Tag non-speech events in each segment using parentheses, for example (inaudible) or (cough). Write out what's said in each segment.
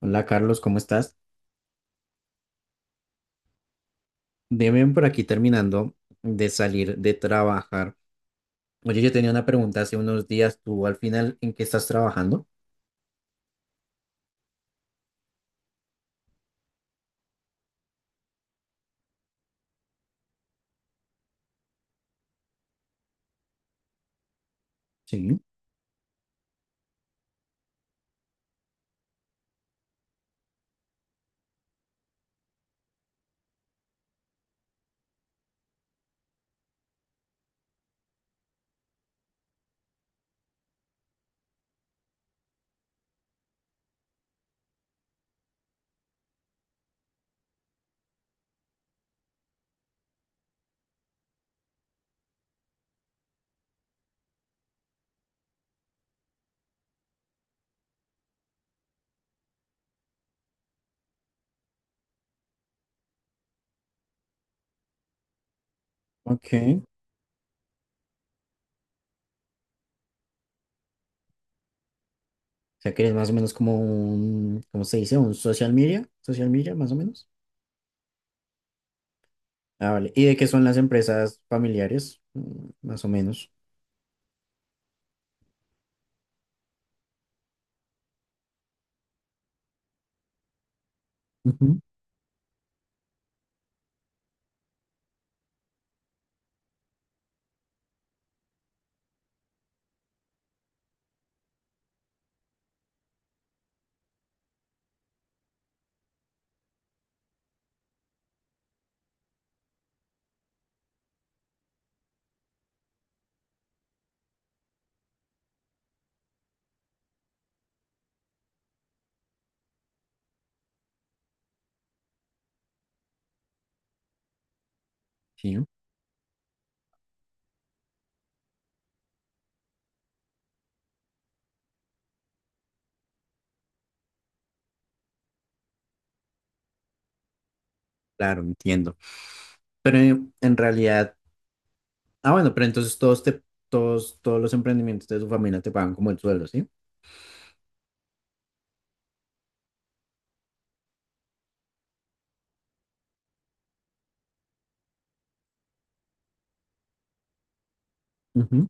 Hola Carlos, ¿cómo estás? Bien, bien por aquí terminando de salir de trabajar. Oye, yo tenía una pregunta hace unos días. ¿Tú al final en qué estás trabajando? Sí. Ok. O sea que eres más o menos como un, ¿cómo se dice? Un social media más o menos. Ah, vale. ¿Y de qué son las empresas familiares? Más o menos. Ujú. Sí. Claro, entiendo. Pero en realidad, bueno, pero entonces todos los emprendimientos de tu familia te pagan como el sueldo, ¿sí? Ujú.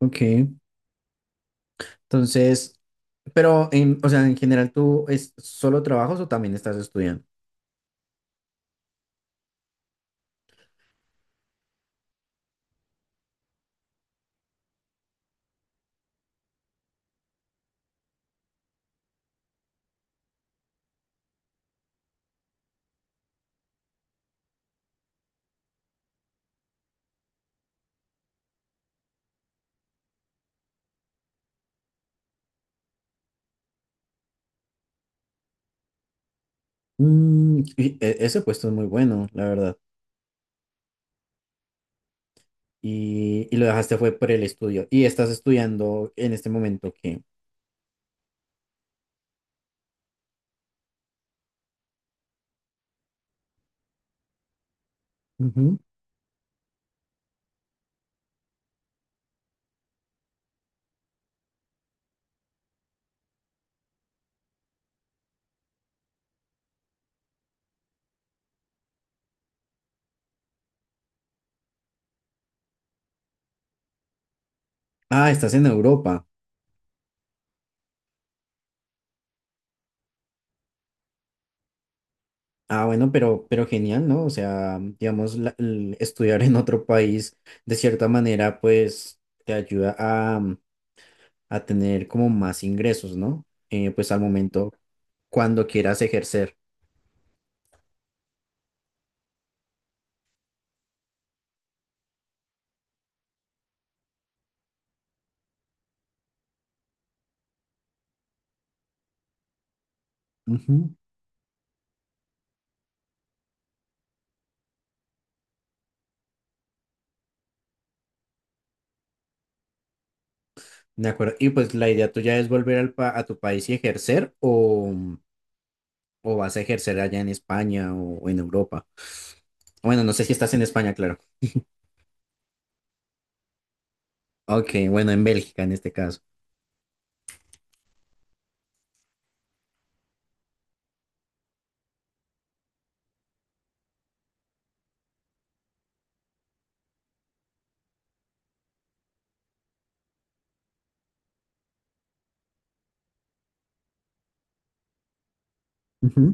Ok. Entonces, o sea, en general, ¿tú es solo trabajas o también estás estudiando? Ese puesto es muy bueno, la verdad. Y lo dejaste fue por el estudio. Y estás estudiando en este momento que... Ah, estás en Europa. Bueno, pero genial, ¿no? O sea, digamos, el estudiar en otro país, de cierta manera, pues te ayuda a, a tener como más ingresos, ¿no? Pues al momento, cuando quieras ejercer. De acuerdo. Y pues la idea tuya es volver a tu país y ejercer o vas a ejercer allá en España o en Europa. Bueno, no sé si estás en España, claro. Ok, bueno, en Bélgica en este caso. Ujú.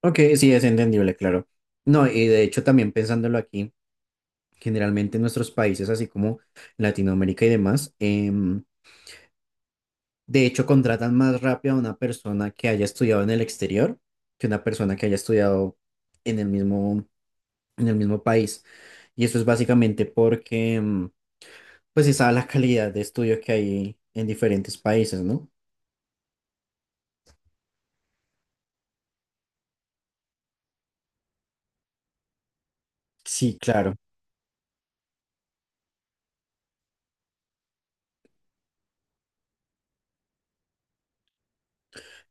Ok, sí, es entendible, claro. No, y de hecho también pensándolo aquí, generalmente en nuestros países, así como Latinoamérica y demás, de hecho contratan más rápido a una persona que haya estudiado en el exterior que una persona que haya estudiado en el mismo en el mismo país. Y eso es básicamente porque, pues, se sabe la calidad de estudio que hay en diferentes países, ¿no? Sí, claro.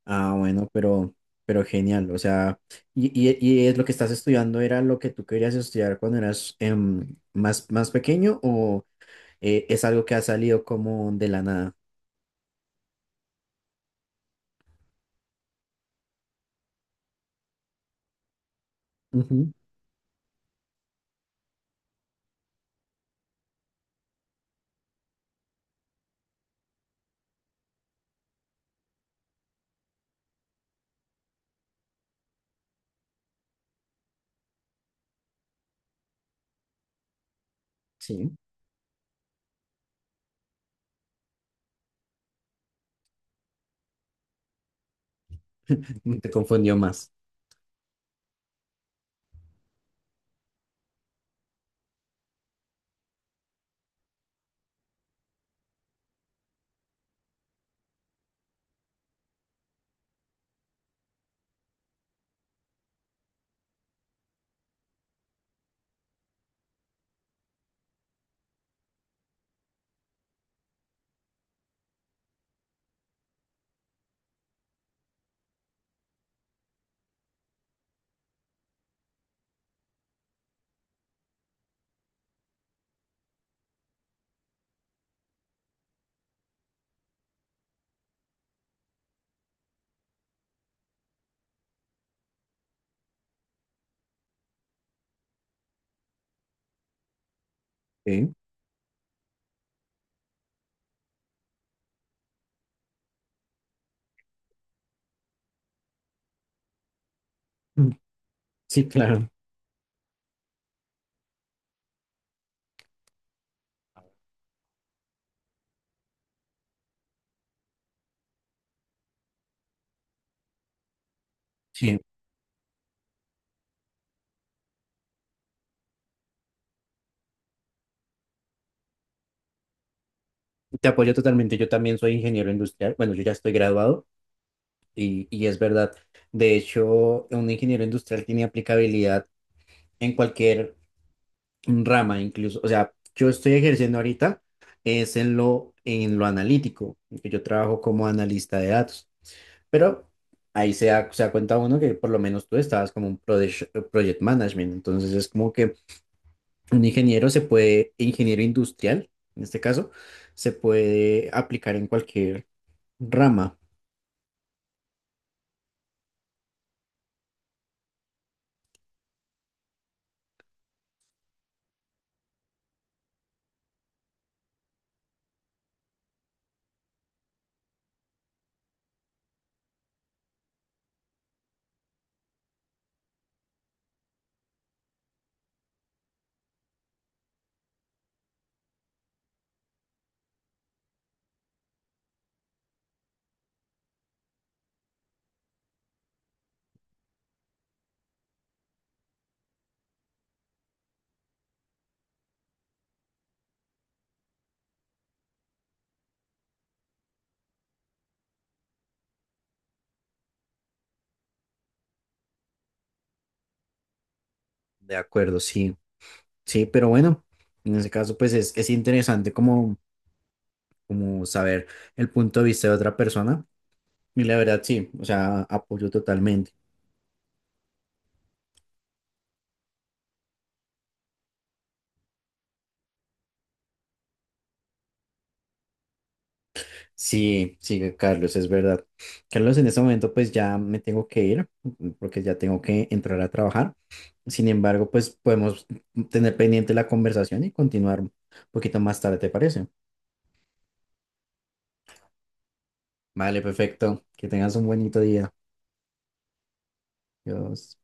Bueno, pero genial. O sea, y es lo que estás estudiando, ¿era lo que tú querías estudiar cuando eras más pequeño o es algo que ha salido como de la nada? Ujú. Sí. (laughs) Te confundió más. Sí. Mm, sí, claro. Sí, te apoyo totalmente. Yo también soy ingeniero industrial. Bueno, yo ya estoy graduado. Y es verdad. De hecho, un ingeniero industrial tiene aplicabilidad en cualquier rama, incluso. O sea, yo estoy ejerciendo ahorita es en lo analítico, que yo trabajo como analista de datos. Pero ahí se da cuenta uno que por lo menos tú estabas como un project management. Entonces es como que un ingeniero ingeniero industrial, en este caso, se puede aplicar en cualquier rama. De acuerdo, sí. Sí, pero bueno, en ese caso pues es interesante como, como saber el punto de vista de otra persona y la verdad sí, o sea, apoyo totalmente. Sí, sí, Carlos, es verdad. Carlos, en este momento pues ya me tengo que ir porque ya tengo que entrar a trabajar. Sin embargo, pues podemos tener pendiente la conversación y continuar un poquito más tarde, ¿te parece? Vale, perfecto. Que tengas un bonito día. Adiós.